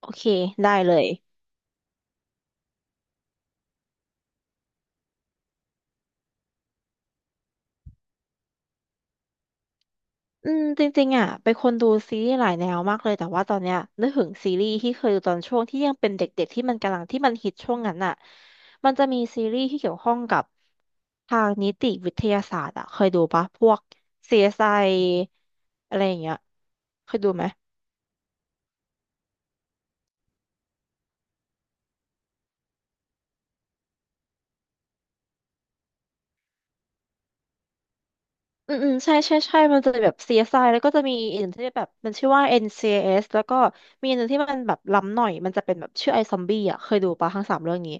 โอเค ได้เลย จริงๆอ่ะเป็นคนดูซีรีส์หลายแนวมากเลย แต่ว่าตอนเนี้ยนึกถึงซีรีส์ที่เคยดูตอนช่วงที่ยังเป็นเด็กๆที่มันฮิตช่วงนั้นอ่ะมันจะมีซีรีส์ที่เกี่ยวข้องกับทางนิติวิทยาศาสตร์อ่ะเคยดูปะพวก CSI อสไออะไรอย่างเงี้ยเคยดูไหมอืมใช่มันจะแบบ CSI แล้วก็จะมีอีกหนึ่งที่แบบมันชื่อว่า NCIS แล้วก็มีอันหนึ่งที่มันแบบล้ำหน่อยมันจะเป็นแบบชื่อไอซอมบี้อ่ะเคยดูปะทั้งสามเรื่องนี้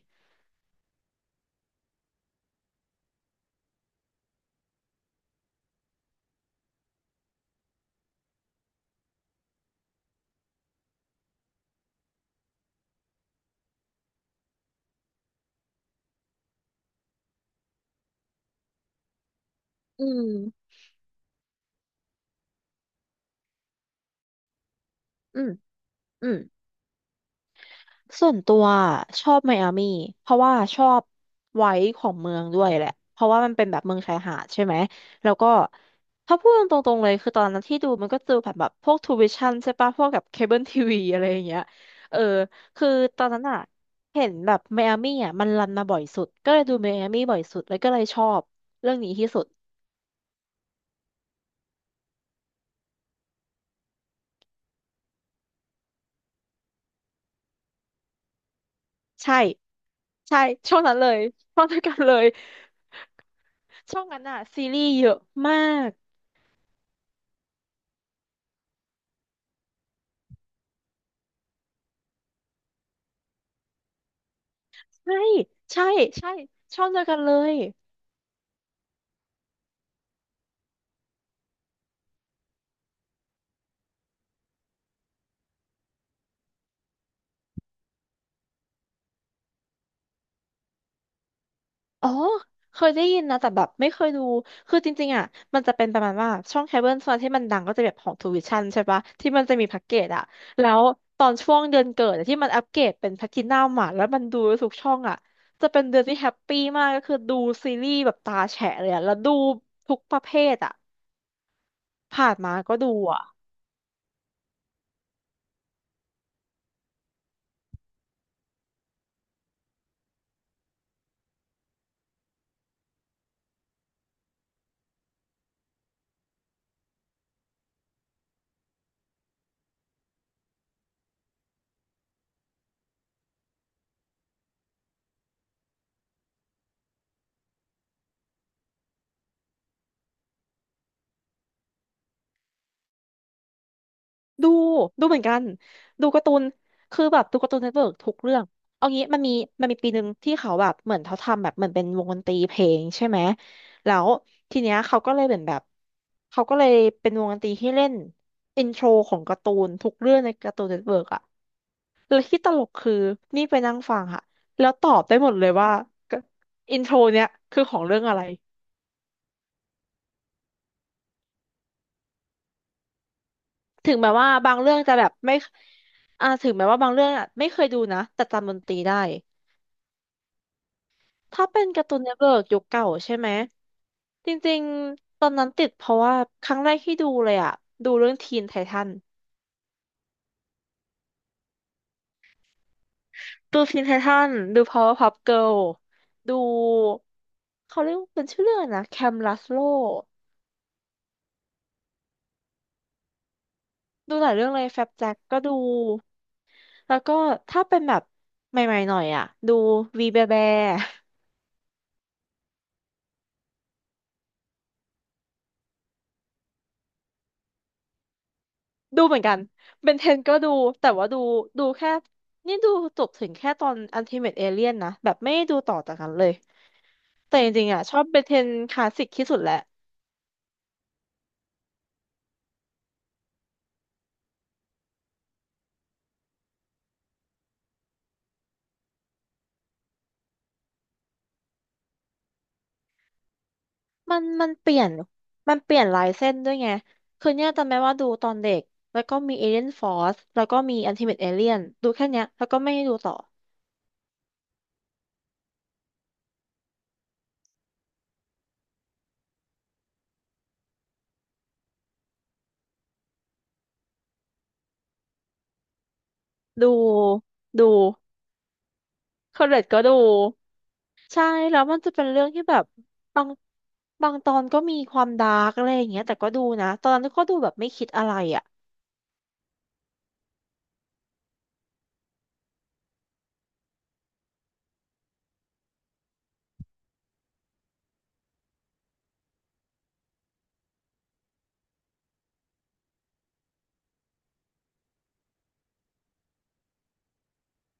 อืมอืม อืมส่วนตัวชอบไมอามี่เพราะว่าชอบไว้ของเมืองด้วยแหละเพราะว่ามันเป็นแบบเมืองชายหาดใช่ไหมแล้วก็ถ้าพูดตรงๆเลยคือตอนนั้นที่ดูมันก็ดูแบบพวกทูวิชั่นใช่ปะพวกแบบเคเบิลทีวีอะไรอย่างเงี้ยเออคือตอนนั้นอ่ะเห็นแบบไมอามี่อ่ะมันรันมาบ่อยสุดก็เลยดูไมอามี่บ่อยสุดแล้วก็เลยชอบเรื่องนี้ที่สุดใช่ใช่ช่วงนั้นเลยช่วงนั้นกันเลยช่วงนั้นอ่ะซีรีส์เยอะมาก ใช่ใช่ใช่ช่องเดียวกันเลยอ๋อเคยได้ยินนะแต่แบบไม่เคยดูคือจริงๆอ่ะมันจะเป็นประมาณว่าช่องเคเบิลโซนที่มันดังก็จะแบบของทูวิชั่นใช่ปะที่มันจะมีแพ็กเกจอ่ะแล้วตอนช่วงเดือนเกิดอะที่มันอัปเกรดเป็นแพลทินัมอ่ะแล้วมันดูทุกช่องอ่ะจะเป็นเดือนที่แฮปปี้มากก็คือดูซีรีส์แบบตาแฉะเลยอะแล้วดูทุกประเภทอ่ะผ่านมาก็ดู ดูดูเหมือนกันดูการ์ตูนคือแบบดูการ์ตูนเน็ตเวิร์กทุกเรื่องเอางี้มันมีปีหนึ่งที่เขาแบบเหมือนเขาทำแบบเหมือนเป็นวงดนตรีเพลงใช่ไหมแล้วทีเนี้ยเขาก็เลยเหมือนแบบเขาก็เลยเป็นวงดนตรีที่เล่นอินโทรของการ์ตูนทุกเรื่องในการ์ตูนเน็ตเวิร์กอะแล้วที่ตลกคือนี่ไปนั่งฟังค่ะแล้วตอบได้หมดเลยว่าอินโทรเนี้ยคือของเรื่องอะไรถึงแม้ว่าบางเรื่องจะแบบไม่อ่าถึงแม้ว่าบางเรื่องอ่ะไม่เคยดูนะแต่จำดนตรีได้ ถ้าเป็นการ์ตูนเน็ตเวิร์กยุคเก่าใช่ไหมจริงๆตอนนั้นติดเพราะว่าครั้งแรกที่ดูเลยอะดูเรื่องทีนไททันดูทีนไททันดู Powerpuff Girl ดูเขาเรียกว่าเป็นชื่อเรื่องอะไรนะแคมลัสโลดูหลายเรื่องเลยแฟบแจ็คก็ดูแล้วก็ถ้าเป็นแบบใหม่ๆหน่อยอะดูวีแบแบ ดูเหมือนกันเบนเทนก็ดูแต่ว่าดูแค่ดูจบถึงแค่ตอนอั t ติเม e เอเลียนนะแบบไม่ได้ดูต่อจากนั้นเลย แต่จริงๆอ่ะชอบเบเทนคลาสสิกที่สุดแหละ มันมันเปลี่ยนมันเปลี่ยนลายเส้นด้วยไงคือเนี่ยจำได้ว่าดูตอนเด็ก แล้วก็มีเอเ e ียนฟอรสแล้วก็มีอันติเม e เอเลียนดูแค่เนี้ยแล้วก็ไม่ได้ดูต่อดูดูคอร์เรตก็ดู ใช่แล้วมันจะเป็นเรื่องที่แบบ บางบางตอนก็มีความดาร์กอะไรอย่างเงี้ยแต่ก็ดูนะ ตอนนั้นก็ดูแบบไม่คิดอะไรอ่ะ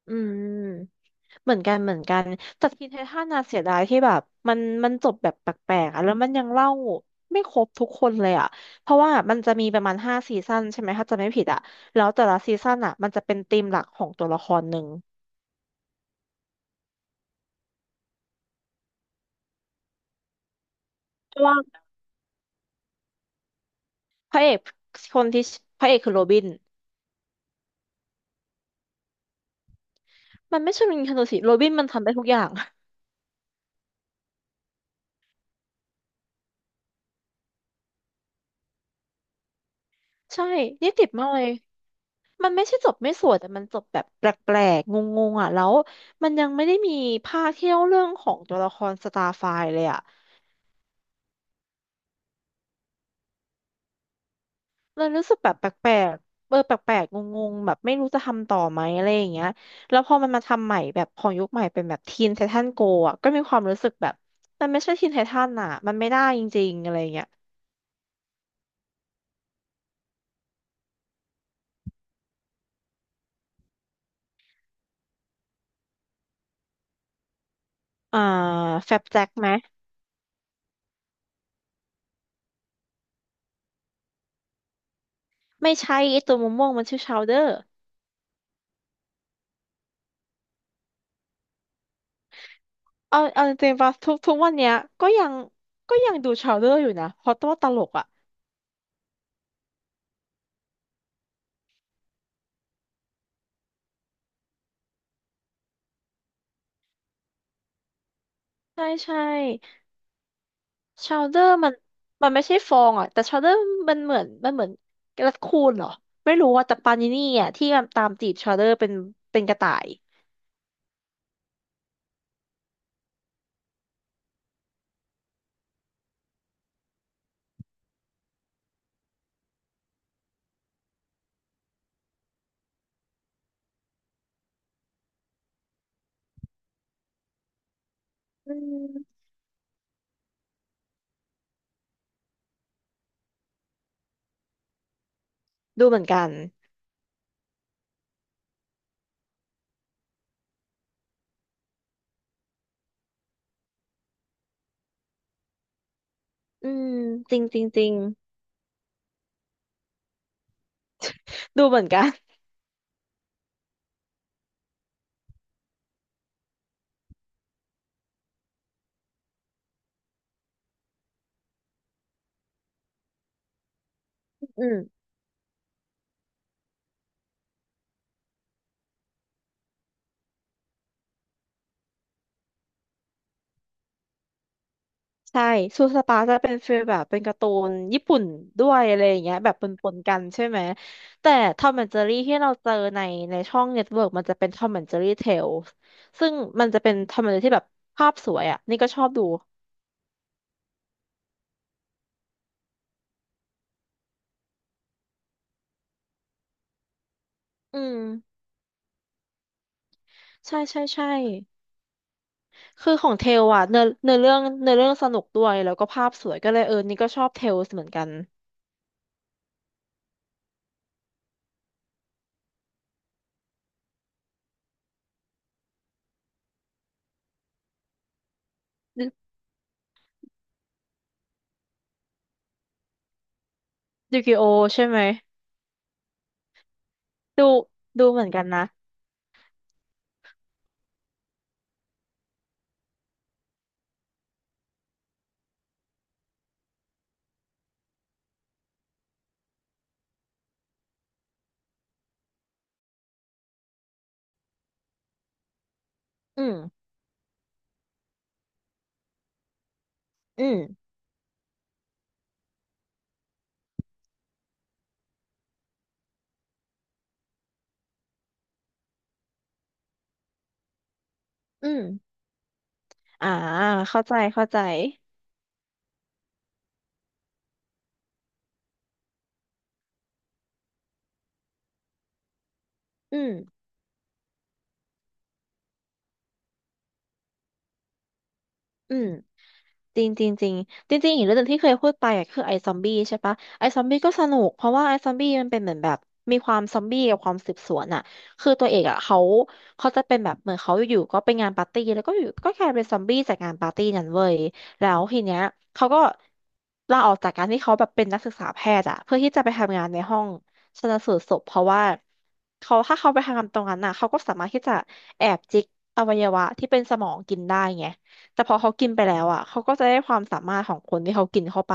อืม เหมือนกันแต่ทีเททันน่เสียดายที่แบบมันจบแบบแปลกๆอะแล้วมันยังเล่าไม่ครบทุกคนเลยอ่ะเพราะว่ามันจะมีประมาณ5 ซีซั่นใช่ไหมถ้าจะไม่ผิดอ่ะแล้วแต่ละซีซั่นอ่ะมันจะเป็นธีมหลักของตัวละครหนึ่งเพราะว่าพระเอกคนที่พระเอกคือโรบินมันไม่ใช่รินคาโนสิโรบินมันทำได้ทุกอย่าง ใช่นี่ติดมากเลยมันไม่ใช่จบไม่สวยแต่มันจบแบบแปลกๆงงๆอ่ะแล้วมันยังไม่ได้มีภาคที่เล่าเรื่องของตัวละครสตาร์ไฟเลยอ่ะ เรารู้สึกแบบแปลกๆเออแปลกๆงงๆแบบไม่รู้จะทำต่อไหมอะไรอย่างเงี้ยแล้วพอมันมาทำใหม่แบบของยุคใหม่เป็นแบบทีนไททันโกอ่ะก็มีความรู้สึกแบบมันไม่ใช่ทีนไททันอ่ะมันไม่ได้จริงๆอะไรอย่างเงี้ยอ่าแฟบแจ็คไหมไม่ใช่ไอตัวม่วงๆมันชื่อชาวเดอร์เอาจริงๆป่ะทุกวันเนี้ยก็ยังก็ยังดูชาวเดอร์อยู่นะเพราะตัวตลกอ่ะใช่ ชาวเดอร์มันไม่ใช่ฟองอ่ะแต่ชาวเดอร์มันเหมือนกระคูนเหรอไม่รู้ว่าแต่ปานินี่อ่ะที่มันตามจีบชาวเดอร์เป็นกระต่ายอืมดูเหมือนกันอืมจริงจริงจริงดูเหมือนกันอืมใช่ซูสปาจะเป็นฟีลแบบเป็นการ์ตูนญี่ปุ่นด้วยอะไรอย่างเงี้ยแบบปนๆกันใช่ไหมแต่ทอมแอนด์เจอรี่ที่เราเจอในช่องเน็ตเวิร์กมันจะเป็นทอมแอนด์เจอรี่เทลซึ่งมันจะเป็นทอมแอนด์เจอรี่ที่แบบภาพสวยอ่ะนี่ก็ชอบดูอืม ใช่ใช่ใช่คือของเทลอ่ะ เนื้อเนื้อเรื่องเนื้อเรื่องสนุกด้วยแล้วก็ภาพสวยก็เลยเออนี่ก็ชอบเทลเหมือนกันดูดูกิโอใช่ไหมดูดูเหมือนกันนะอืมอืมอืมอ่าเข้าใจเข้าใจอืมอืม จริงจริงจริงจริงจริงๆอีกเรื่องหนึ่งที่เคยพูดไปอ็ะคือไอซอมบี้ใช่ปะไอซอมบี้ก็สนุกเพราะว่าไอซอมบี้มันเป็นเหมือนแบบมีความซอมบี้กับความสืบสวนอะคือตัวเอกอะเขาจะเป็นแบบเหมือนเขาอยู่ๆก็ไปงานปาร์ตี้แล้วก็อยู่ก็กลายเป็นซอมบี้จากงานปาร์ตี้นั้นเว้ยแล้วทีเนี้ยเขาก็ลาออกจากการที่เขาแบบเป็นนักศึกษาแพทย์อะเพื่อที่จะไปทำงานในห้องชันสูตรศพเพราะว่าเขาถ้าเขาไปทำงานตรงนั้นอะเขาก็สามารถที่จะแอบจิกอวัยวะที่เป็นสมองกินได้ไง แต่พอเขากินไปแล้วอ่ะเขาก็จะได้ความสามารถของคนที่เขากินเข้าไป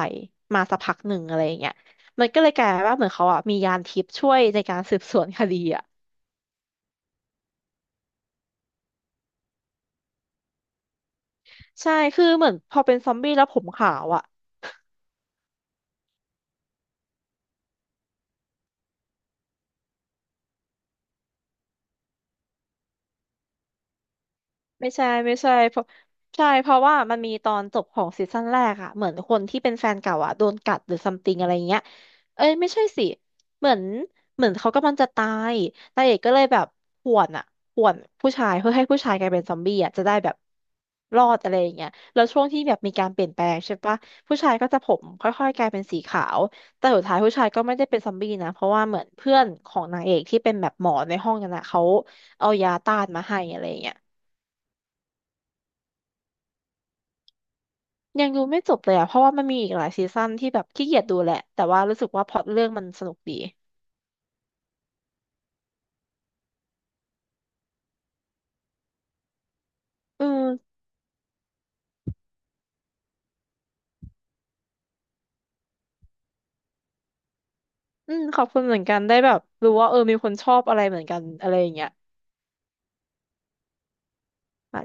มาสักพักหนึ่งอะไรอย่างเงี้ยมันก็เลยกลายเป็นว่าเหมือนเขาอ่ะมียานทิพย์ช่วยในการสืบสวนคดีอ่ะใช่คือเหมือนพอเป็นซอมบี้แล้วผมขาวอ่ะ ไม่ใช่เพราะใช่เพราะว่ามันมีตอนจบของซีซั่นแรกอะเหมือนคนที่เป็นแฟนเก่าอะโดนกัดหรือซัมติงอะไรเงี้ยเอ้ยไม่ใช่สิเหมือนเหมือนเขากำลังจะตายนางเอกก็เลยแบบข่วนอะข่วนผู้ชายเพื่อให้ผู้ชายกลายเป็นซอมบี้อะจะได้แบบรอดอะไรอย่างเงี้ยแล้วช่วงที่แบบมีการเปลี่ยนแปลงใช่ปะผู้ชายก็จะผมค่อยๆกลายเป็นสีขาวแต่สุดท้ายผู้ชายก็ไม่ได้เป็นซอมบี้นะเพราะว่าเหมือนเพื่อนของนางเอกที่เป็นแบบหมอในห้องนั้นอะเขาเอายาต้านมาให้อะไรอย่างเงี้ย ยังดูไม่จบเลยอ่ะเพราะว่ามันมีอีกหลายซีซั่นที่แบบขี้เกียจดูแหละ แต่ว่ารู้สึกว่าพล็อตเรื่องมันสนุกดีอืมอืม ขอบคุณเหมือนกัน ได้แบบรู้ว่าเออมีคนชอบอะไรเหมือนกันอะไรอย่างเงี้ยอ่ะ